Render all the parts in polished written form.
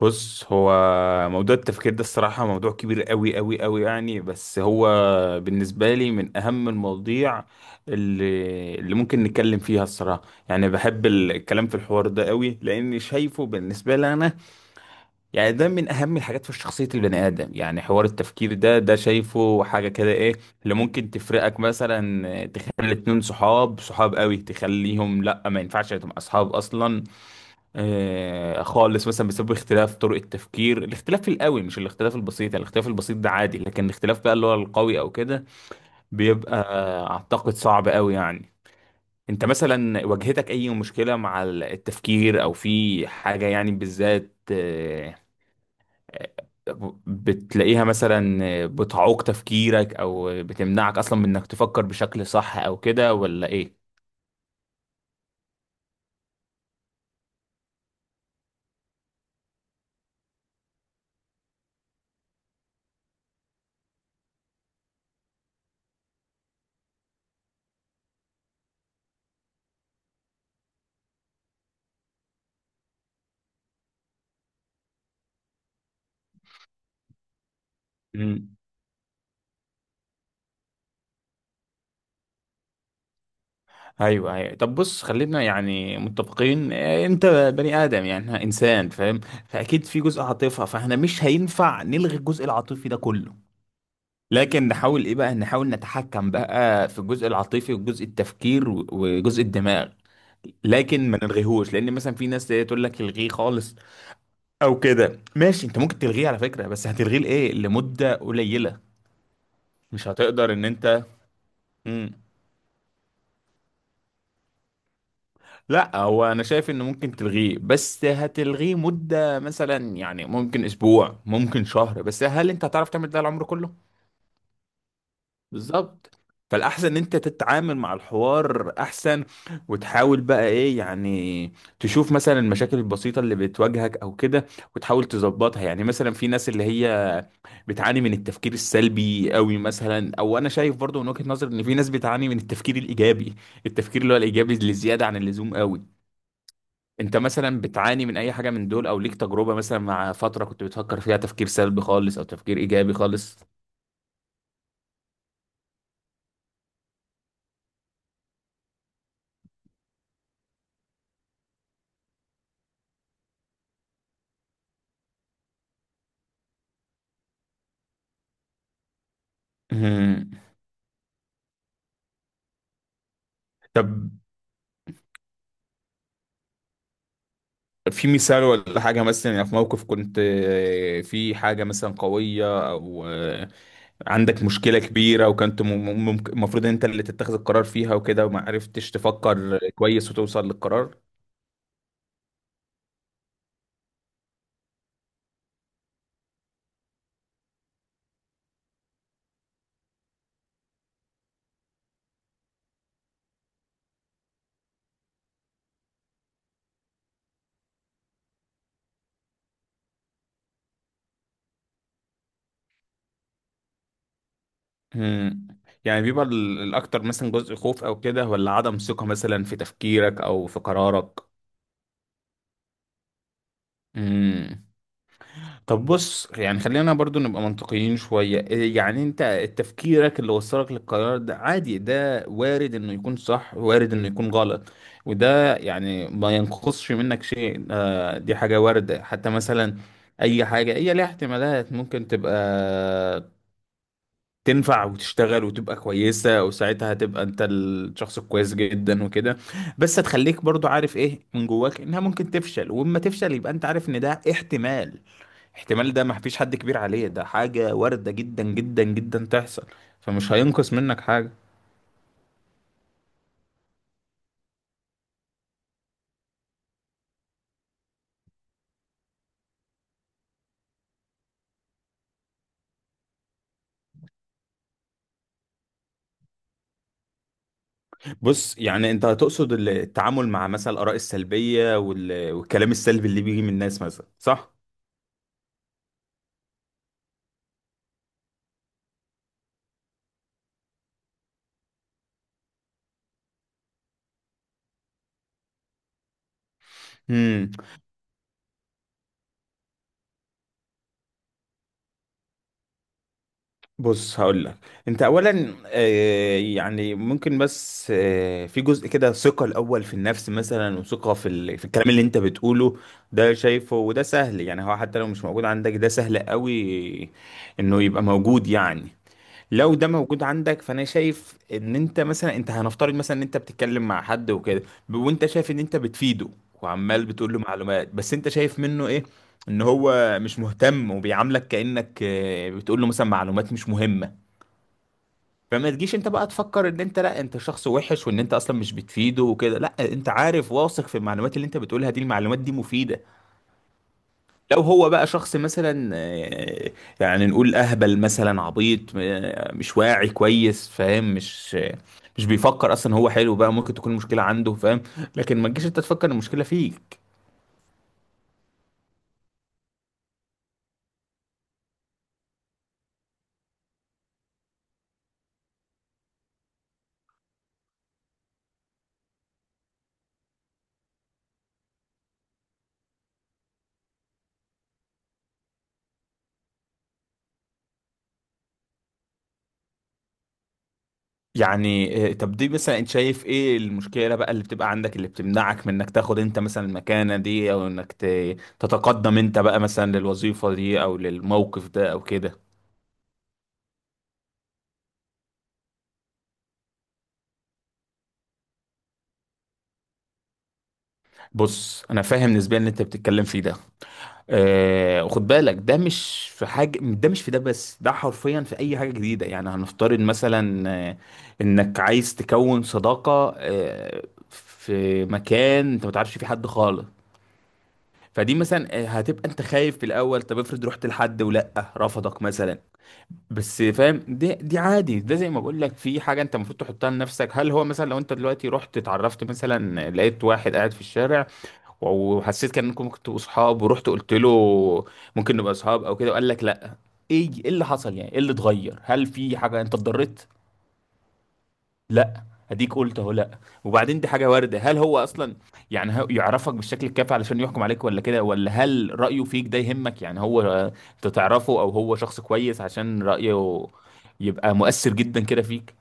بص، هو موضوع التفكير ده الصراحة موضوع كبير قوي قوي قوي، يعني بس هو بالنسبة لي من أهم المواضيع اللي ممكن نتكلم فيها الصراحة. يعني بحب الكلام في الحوار ده قوي، لأني شايفه بالنسبة لي أنا، يعني ده من أهم الحاجات في شخصية البني آدم. يعني حوار التفكير ده شايفه حاجة كده، إيه اللي ممكن تفرقك. مثلا تخلي اتنين صحاب صحاب قوي تخليهم لأ، ما ينفعش تبقى أصحاب أصلا، خالص، مثلا بسبب اختلاف طرق التفكير، الاختلاف القوي مش الاختلاف البسيط. يعني الاختلاف البسيط ده عادي، لكن الاختلاف بقى اللي هو القوي او كده بيبقى اعتقد صعب قوي يعني. انت مثلا واجهتك اي مشكلة مع التفكير، او في حاجة يعني بالذات، آه، بتلاقيها مثلا بتعوق تفكيرك او بتمنعك اصلا من انك تفكر بشكل صح او كده، ولا ايه؟ ايوه، ايوه. طب بص، خلينا يعني متفقين، انت بني ادم، يعني إحنا انسان فاهم، فاكيد في جزء عاطفه، فاحنا مش هينفع نلغي الجزء العاطفي ده كله. لكن نحاول ايه بقى، نحاول نتحكم بقى في الجزء العاطفي وجزء التفكير و- وجزء الدماغ، لكن ما نلغيهوش. لان مثلا في ناس تقول لك الغيه خالص او كده. ماشي، انت ممكن تلغيه على فكره، بس هتلغيه لايه، لمده قليله، مش هتقدر ان انت. لا، هو انا شايف انه ممكن تلغيه، بس هتلغيه مدة مثلا، يعني ممكن اسبوع، ممكن شهر، بس هل انت هتعرف تعمل ده العمر كله؟ بالظبط. فالاحسن ان انت تتعامل مع الحوار احسن، وتحاول بقى ايه يعني، تشوف مثلا المشاكل البسيطة اللي بتواجهك او كده، وتحاول تظبطها. يعني مثلا في ناس اللي هي بتعاني من التفكير السلبي قوي مثلا، او انا شايف برضو من وجهة نظر ان في ناس بتعاني من التفكير الايجابي، التفكير اللي هو الايجابي اللي زيادة عن اللزوم قوي. انت مثلا بتعاني من اي حاجة من دول، او ليك تجربة مثلا مع فترة كنت بتفكر فيها تفكير سلبي خالص او تفكير ايجابي خالص؟ مم. طب في مثال ولا حاجة، مثلا يعني في موقف كنت في حاجة مثلا قوية، او عندك مشكلة كبيرة، وكنت المفروض انت اللي تتخذ القرار فيها وكده، وما عرفتش تفكر كويس وتوصل للقرار؟ مم. يعني بيبقى الاكتر مثلا جزء خوف او كده، ولا عدم ثقة مثلا في تفكيرك او في قرارك؟ مم. طب بص، يعني خلينا برضو نبقى منطقيين شوية إيه، يعني انت تفكيرك اللي وصلك للقرار ده عادي، ده وارد انه يكون صح، وارد انه يكون غلط. وده يعني ما ينقصش منك شيء، دي حاجة واردة. حتى مثلا اي حاجة هي ليها احتمالات، ممكن تبقى تنفع وتشتغل وتبقى كويسة، وساعتها هتبقى انت الشخص الكويس جدا وكده. بس هتخليك برضو عارف ايه من جواك انها ممكن تفشل، واما تفشل يبقى انت عارف ان ده احتمال. احتمال ده ما فيش حد كبير عليه، ده حاجة واردة جدا جدا جدا تحصل، فمش هينقص منك حاجة. بص، يعني انت هتقصد التعامل مع مثلا الآراء السلبية والكلام السلبي اللي بيجي من الناس مثلا، صح؟ امم بص هقول لك. انت اولا يعني ممكن، بس في جزء كده ثقة الاول في النفس مثلا، وثقة في في الكلام اللي انت بتقوله. ده شايفه، وده سهل. يعني هو حتى لو مش موجود عندك ده سهل قوي انه يبقى موجود يعني. لو ده موجود عندك، فانا شايف ان انت مثلا، انت هنفترض مثلا ان انت بتتكلم مع حد وكده، وانت شايف ان انت بتفيده، وعمال بتقول له معلومات، بس انت شايف منه ايه ان هو مش مهتم، وبيعاملك كأنك بتقول له مثلا معلومات مش مهمة. فما تجيش انت بقى تفكر ان انت، لا، انت شخص وحش وان انت اصلا مش بتفيده وكده. لا، انت عارف، واثق في المعلومات اللي انت بتقولها دي، المعلومات دي مفيدة. لو هو بقى شخص مثلا يعني نقول اهبل مثلا، عبيط، مش واعي كويس، فاهم، مش بيفكر اصلا، هو حلو بقى، ممكن تكون المشكله عنده، فاهم، لكن ما تجيش انت تفكر إن المشكله فيك. يعني طب دي مثلا انت شايف ايه المشكله بقى اللي بتبقى عندك اللي بتمنعك من انك تاخد انت مثلا المكانه دي، او انك تتقدم انت بقى مثلا للوظيفه دي او للموقف ده او كده؟ بص، انا فاهم نسبيا اللي انت بتتكلم فيه ده، وخد بالك ده مش في حاجة، ده مش في ده بس، ده حرفيا في أي حاجة جديدة. يعني هنفترض مثلا إنك عايز تكون صداقة في مكان أنت ما تعرفش فيه حد خالص. فدي مثلا هتبقى أنت خايف في الأول. طب افرض رحت لحد ولأ رفضك مثلا، بس فاهم دي عادي. ده زي ما بقول لك، في حاجة أنت المفروض تحطها لنفسك. هل هو مثلا لو أنت دلوقتي رحت اتعرفت مثلا، لقيت واحد قاعد في الشارع، وحسيت كان انكم ممكن تبقوا صحاب، ورحت قلت له ممكن نبقى صحاب او كده، وقال لك لا، ايه ايه اللي حصل؟ يعني ايه اللي اتغير؟ هل في حاجه انت اتضررت؟ لا. اديك قلت اهو لا. وبعدين دي حاجه وارده. هل هو اصلا، يعني، هو يعرفك بالشكل الكافي علشان يحكم عليك ولا كده، ولا هل رايه فيك ده يهمك؟ يعني هو انت تعرفه، او هو شخص كويس عشان رايه يبقى مؤثر جدا كده فيك؟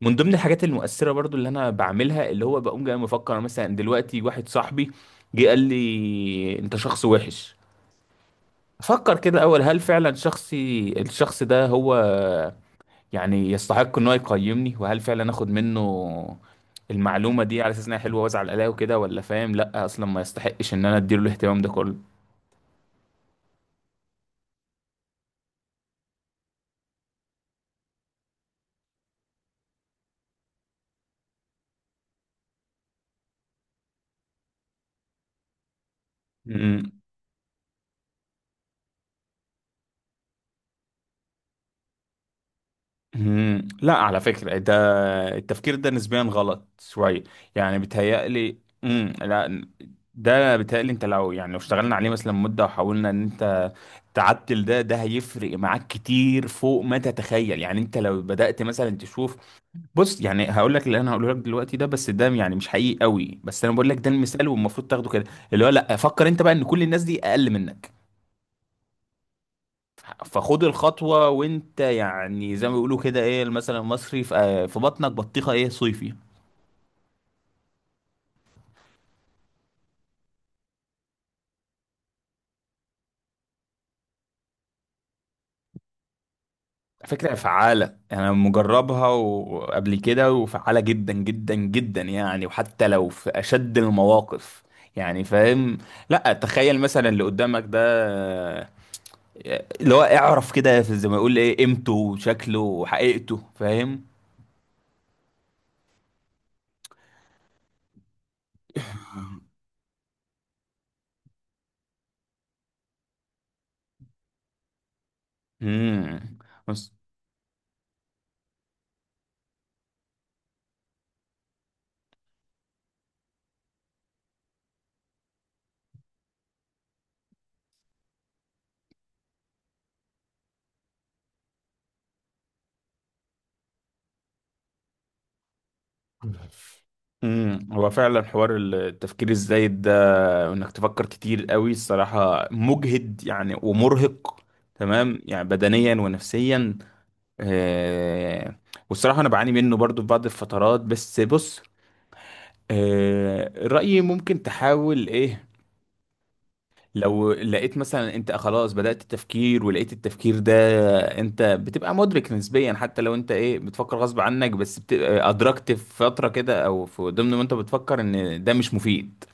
من ضمن الحاجات المؤثرة برضو اللي انا بعملها اللي هو، بقوم جاي مفكر أنا مثلا دلوقتي، واحد صاحبي جه قال لي انت شخص وحش، افكر كده اول، هل فعلا الشخص ده هو يعني يستحق ان هو يقيمني؟ وهل فعلا اخد منه المعلومة دي على اساس انها حلوة وازعل عليها وكده، ولا فاهم لا اصلا ما يستحقش ان انا اديله الاهتمام ده كله؟ مم. مم. لا، على فكرة ده التفكير ده نسبيا غلط شويه. يعني بيتهيألي، لا ده بيتهيألي انت لو، يعني لو اشتغلنا عليه مثلا مده، وحاولنا ان انت تعدل ده، ده هيفرق معاك كتير فوق ما تتخيل. يعني انت لو بدأت مثلا تشوف. بص، يعني هقول لك اللي انا هقوله لك دلوقتي ده بس، ده يعني مش حقيقي قوي، بس انا بقول لك ده المثال والمفروض تاخده كده. اللي هو، لا، فكر انت بقى ان كل الناس دي اقل منك. فخد الخطوه، وانت يعني زي ما بيقولوا كده ايه المثل المصري، في بطنك بطيخه ايه صيفي. فكرة فعالة يعني، أنا مجربها وقبل كده، وفعالة جدا جدا جدا يعني، وحتى لو في أشد المواقف، يعني فاهم. لا، تخيل مثلا اللي قدامك ده، اللي هو اعرف كده زي ما يقول ايه قيمته وشكله وحقيقته، فاهم. امم بس هو فعلا حوار التفكير الزايد ده وانك تفكر كتير قوي الصراحة مجهد، يعني ومرهق، تمام، يعني بدنيا ونفسيا. آه، والصراحة أنا بعاني منه برضو في بعض الفترات، بس بص رأيي ممكن تحاول إيه. لو لقيت مثلا أنت خلاص بدأت التفكير، ولقيت التفكير ده أنت بتبقى مدرك نسبيا، حتى لو أنت إيه بتفكر غصب عنك، بس بتبقى أدركت في فترة كده، أو في ضمن ما أنت بتفكر إن ده مش مفيد،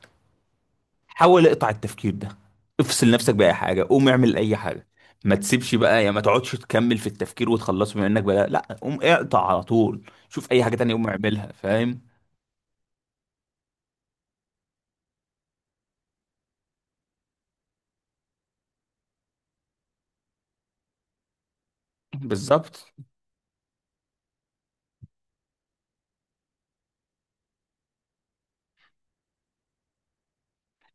حاول اقطع التفكير ده. افصل نفسك بأي حاجة، قوم اعمل أي حاجة. ما تسيبش بقى يا ما تقعدش تكمل في التفكير وتخلصه، بما انك بلا لا، قوم اقطع على طول. شوف أي حاجة تانية قوم اعملها، فاهم. بالظبط.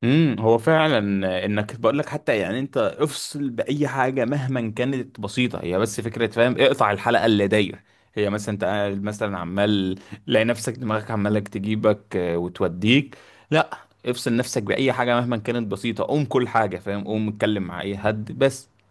هو فعلا، انك بقول لك حتى يعني انت افصل باي حاجه مهما كانت بسيطه، هي بس فكره، فاهم، اقطع الحلقه اللي داير. هي مثلا انت قاعد مثلا عمال، تلاقي نفسك دماغك عمالك تجيبك وتوديك. لا، افصل نفسك باي حاجه مهما كانت بسيطه، قوم كل حاجه، فاهم، قوم اتكلم مع اي حد بس.